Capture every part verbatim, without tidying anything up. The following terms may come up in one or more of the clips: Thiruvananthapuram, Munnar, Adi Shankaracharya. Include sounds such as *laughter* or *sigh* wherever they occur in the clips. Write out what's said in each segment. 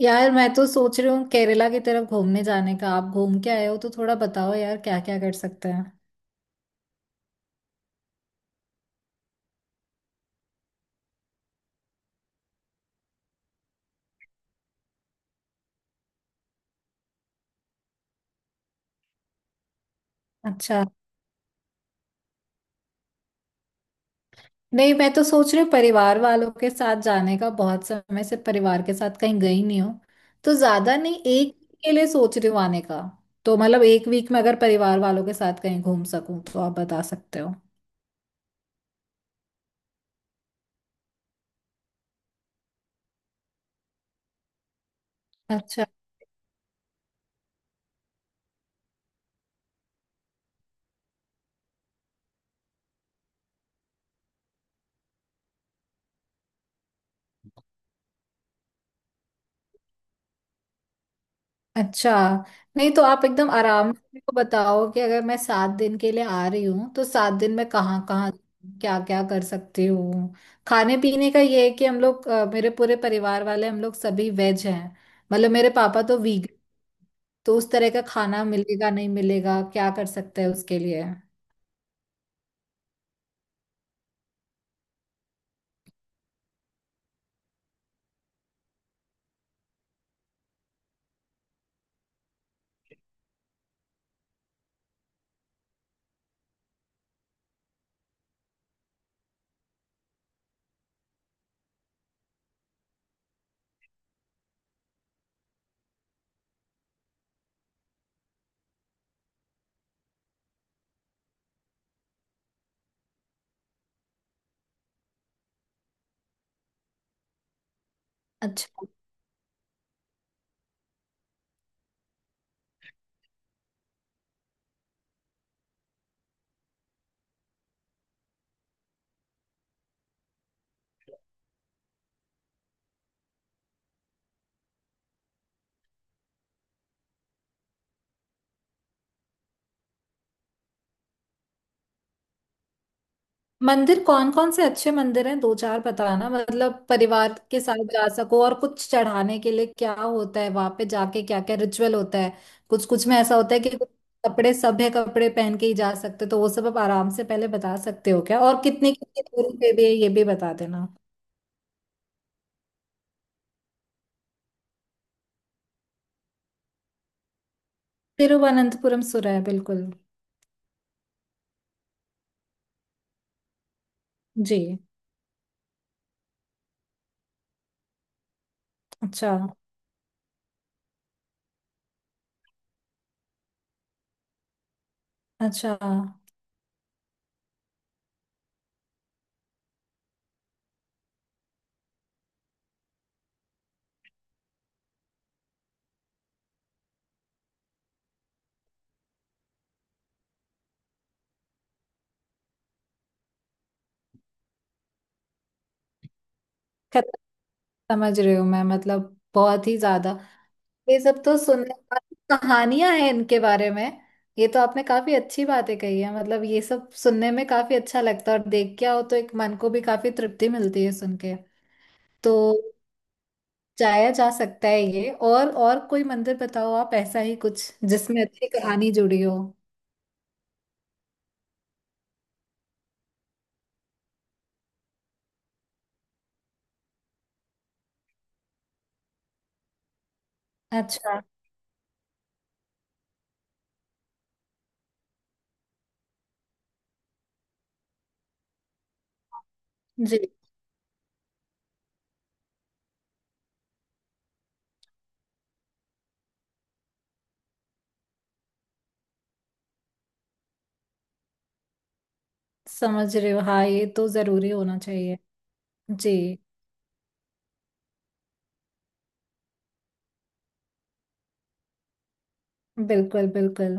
यार मैं तो सोच रही हूँ केरला की तरफ घूमने जाने का। आप घूम के आए हो तो थोड़ा बताओ यार, क्या क्या कर सकते हैं। अच्छा। नहीं, मैं तो सोच रही हूँ परिवार वालों के साथ जाने का। बहुत समय से परिवार के साथ कहीं गई नहीं हूँ, तो ज्यादा नहीं, एक week के लिए सोच रही हूँ आने का। तो मतलब एक वीक में अगर परिवार वालों के साथ कहीं घूम सकूँ तो आप बता सकते हो। अच्छा। अच्छा, नहीं तो आप एकदम आराम से मेरे को बताओ कि अगर मैं सात दिन के लिए आ रही हूँ तो सात दिन में कहाँ कहाँ क्या क्या कर सकती हूँ। खाने पीने का ये है कि हम लोग अ, मेरे पूरे परिवार वाले, हम लोग सभी वेज हैं। मतलब मेरे पापा तो वीगन। तो उस तरह का खाना मिलेगा, नहीं मिलेगा, क्या कर सकते हैं उसके लिए। मंदिर कौन कौन से अच्छे मंदिर हैं, दो चार बताना। मतलब परिवार के साथ जा सको, और कुछ चढ़ाने के लिए क्या होता है वहां पे जाके, क्या क्या रिचुअल होता है। कुछ कुछ में ऐसा होता है कि कुछ कपड़े, सभ्य कपड़े पहन के ही जा सकते हो, तो वो सब आप आराम से पहले बता सकते हो क्या, और कितने कितने दूरी पे भी है ये भी बता देना। तिरुवनंतपुरम सुर है बिल्कुल। जी। अच्छा। अच्छा। खत- समझ रही हूँ मैं, मतलब बहुत ही ज्यादा। ये सब तो सुनने वाली कहानियां हैं इनके बारे में। ये तो आपने काफी अच्छी बातें कही है, मतलब ये सब सुनने में काफी अच्छा लगता है और देख के आओ तो एक मन को भी काफी तृप्ति मिलती है सुन के। तो जाया जा सकता है ये, और और कोई मंदिर बताओ आप ऐसा ही कुछ जिसमें अच्छी कहानी जुड़ी हो। अच्छा जी। समझ रहे हो हाँ, ये तो जरूरी होना चाहिए। जी। बिल्कुल बिल्कुल।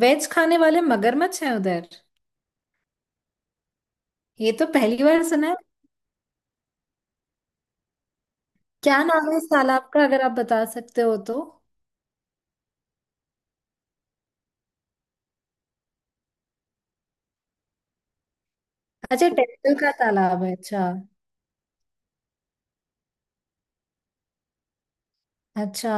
वेज खाने वाले मगरमच्छ हैं उधर? ये तो पहली बार सुना है। क्या नाम है इस तालाब का, अगर आप बता सकते हो तो। अच्छा, टेम्पल का तालाब है, अच्छा। अच्छा।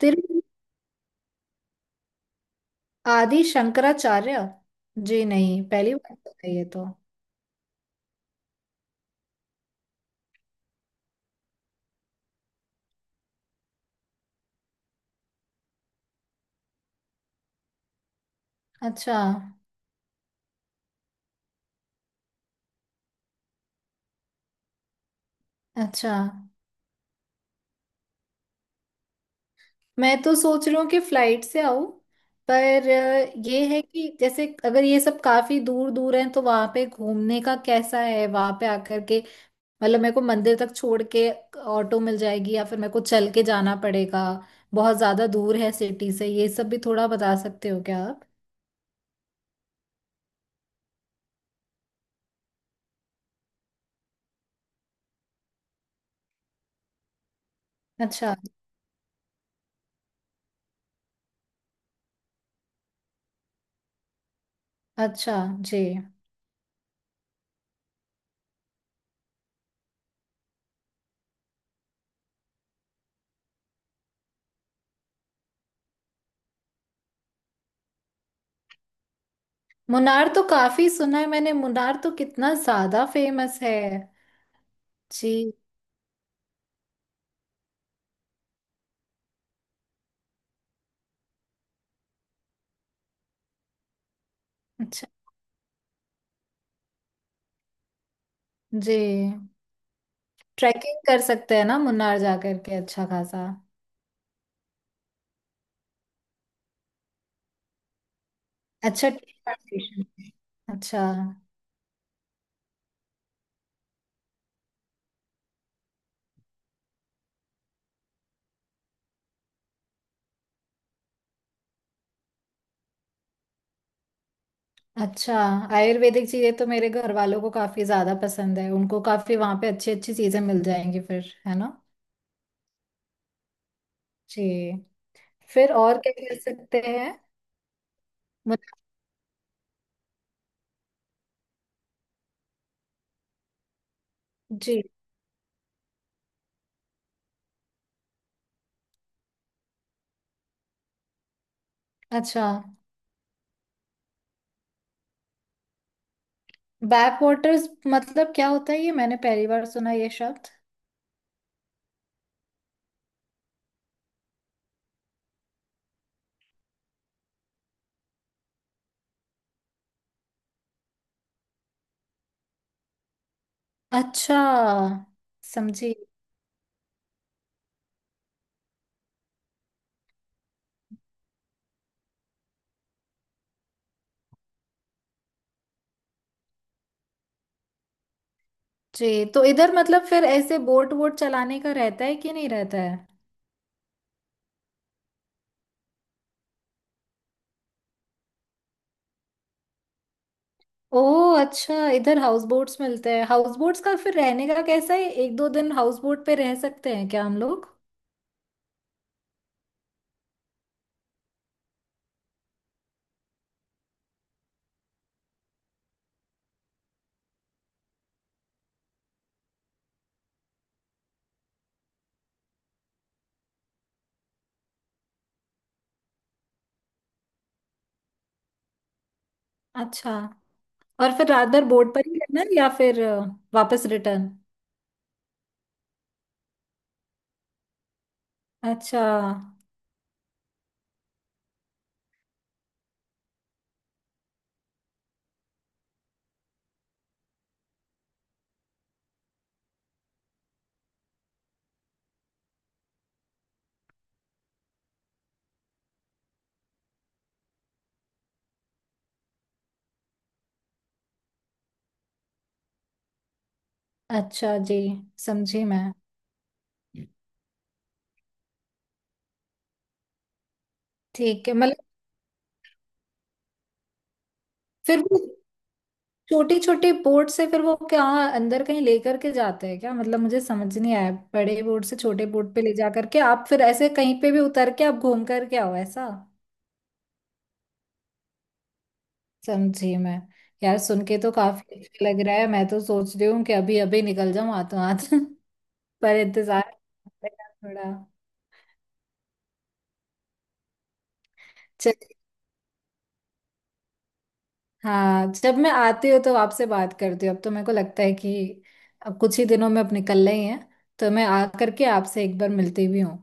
तिरु। आदि शंकराचार्य? जी नहीं, पहली बार सुन रही है ये तो। अच्छा। अच्छा, मैं तो सोच रही हूँ कि फ्लाइट से आऊं। पर अ, ये है कि जैसे अगर ये सब काफी दूर दूर है तो वहां पे घूमने का कैसा है वहां पे आकर के। मतलब मेरे को मंदिर तक छोड़ के ऑटो मिल जाएगी या फिर मेरे को चल के जाना पड़ेगा। बहुत ज्यादा दूर है सिटी से, ये सब भी थोड़ा बता सकते हो क्या आप। अच्छा। अच्छा। जी। मुनार तो काफी सुना है मैंने, मुनार तो कितना ज्यादा फेमस है। जी। अच्छा। जी। ट्रैकिंग कर सकते हैं ना मुन्नार जा करके अच्छा खासा। अच्छा, टी प्लांटेशन। अच्छा। अच्छा, आयुर्वेदिक चीजें तो मेरे घर वालों को काफी ज्यादा पसंद है, उनको काफी वहां पे अच्छी अच्छी चीजें मिल जाएंगी फिर है ना। जी। फिर और क्या कह सकते हैं? मतलब। जी। अच्छा। बैक वाटर्स मतलब क्या होता है, ये मैंने पहली बार सुना ये शब्द। अच्छा। समझी। जी, तो इधर मतलब फिर ऐसे बोट वोट चलाने का रहता है कि नहीं रहता है? ओह अच्छा, इधर हाउस बोट्स मिलते हैं? हाउस बोट्स का फिर रहने का कैसा है, एक दो दिन हाउस बोट पे रह सकते हैं क्या हम लोग? अच्छा। और फिर रात भर बोट पर ही रहना है या फिर अ, वापस रिटर्न? अच्छा। अच्छा जी, समझी मैं। ठीक है, मतलब फिर वो छोटी छोटी बोर्ड से फिर वो क्या अंदर कहीं लेकर के जाते हैं क्या, मतलब मुझे समझ नहीं आया, बड़े बोर्ड से छोटे बोर्ड पे ले जा करके आप फिर ऐसे कहीं पे भी उतर के आप घूम करके आओ ऐसा। समझी मैं। यार सुन के तो काफी अच्छा लग रहा है, मैं तो सोच रही हूँ कि अभी अभी निकल जाऊं हाथों हाथ *laughs* पर इंतजार पड़ेगा थोड़ा। चल, हाँ, जब मैं आती हूँ तो आपसे बात करती हूँ। अब तो मेरे को लगता है कि अब कुछ ही दिनों में अब निकलना ही है, तो मैं आ करके आपसे एक बार मिलती भी हूँ।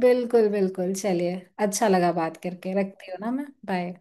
बिल्कुल बिल्कुल, चलिए। अच्छा लगा बात करके, रखती हूँ ना मैं, बाय।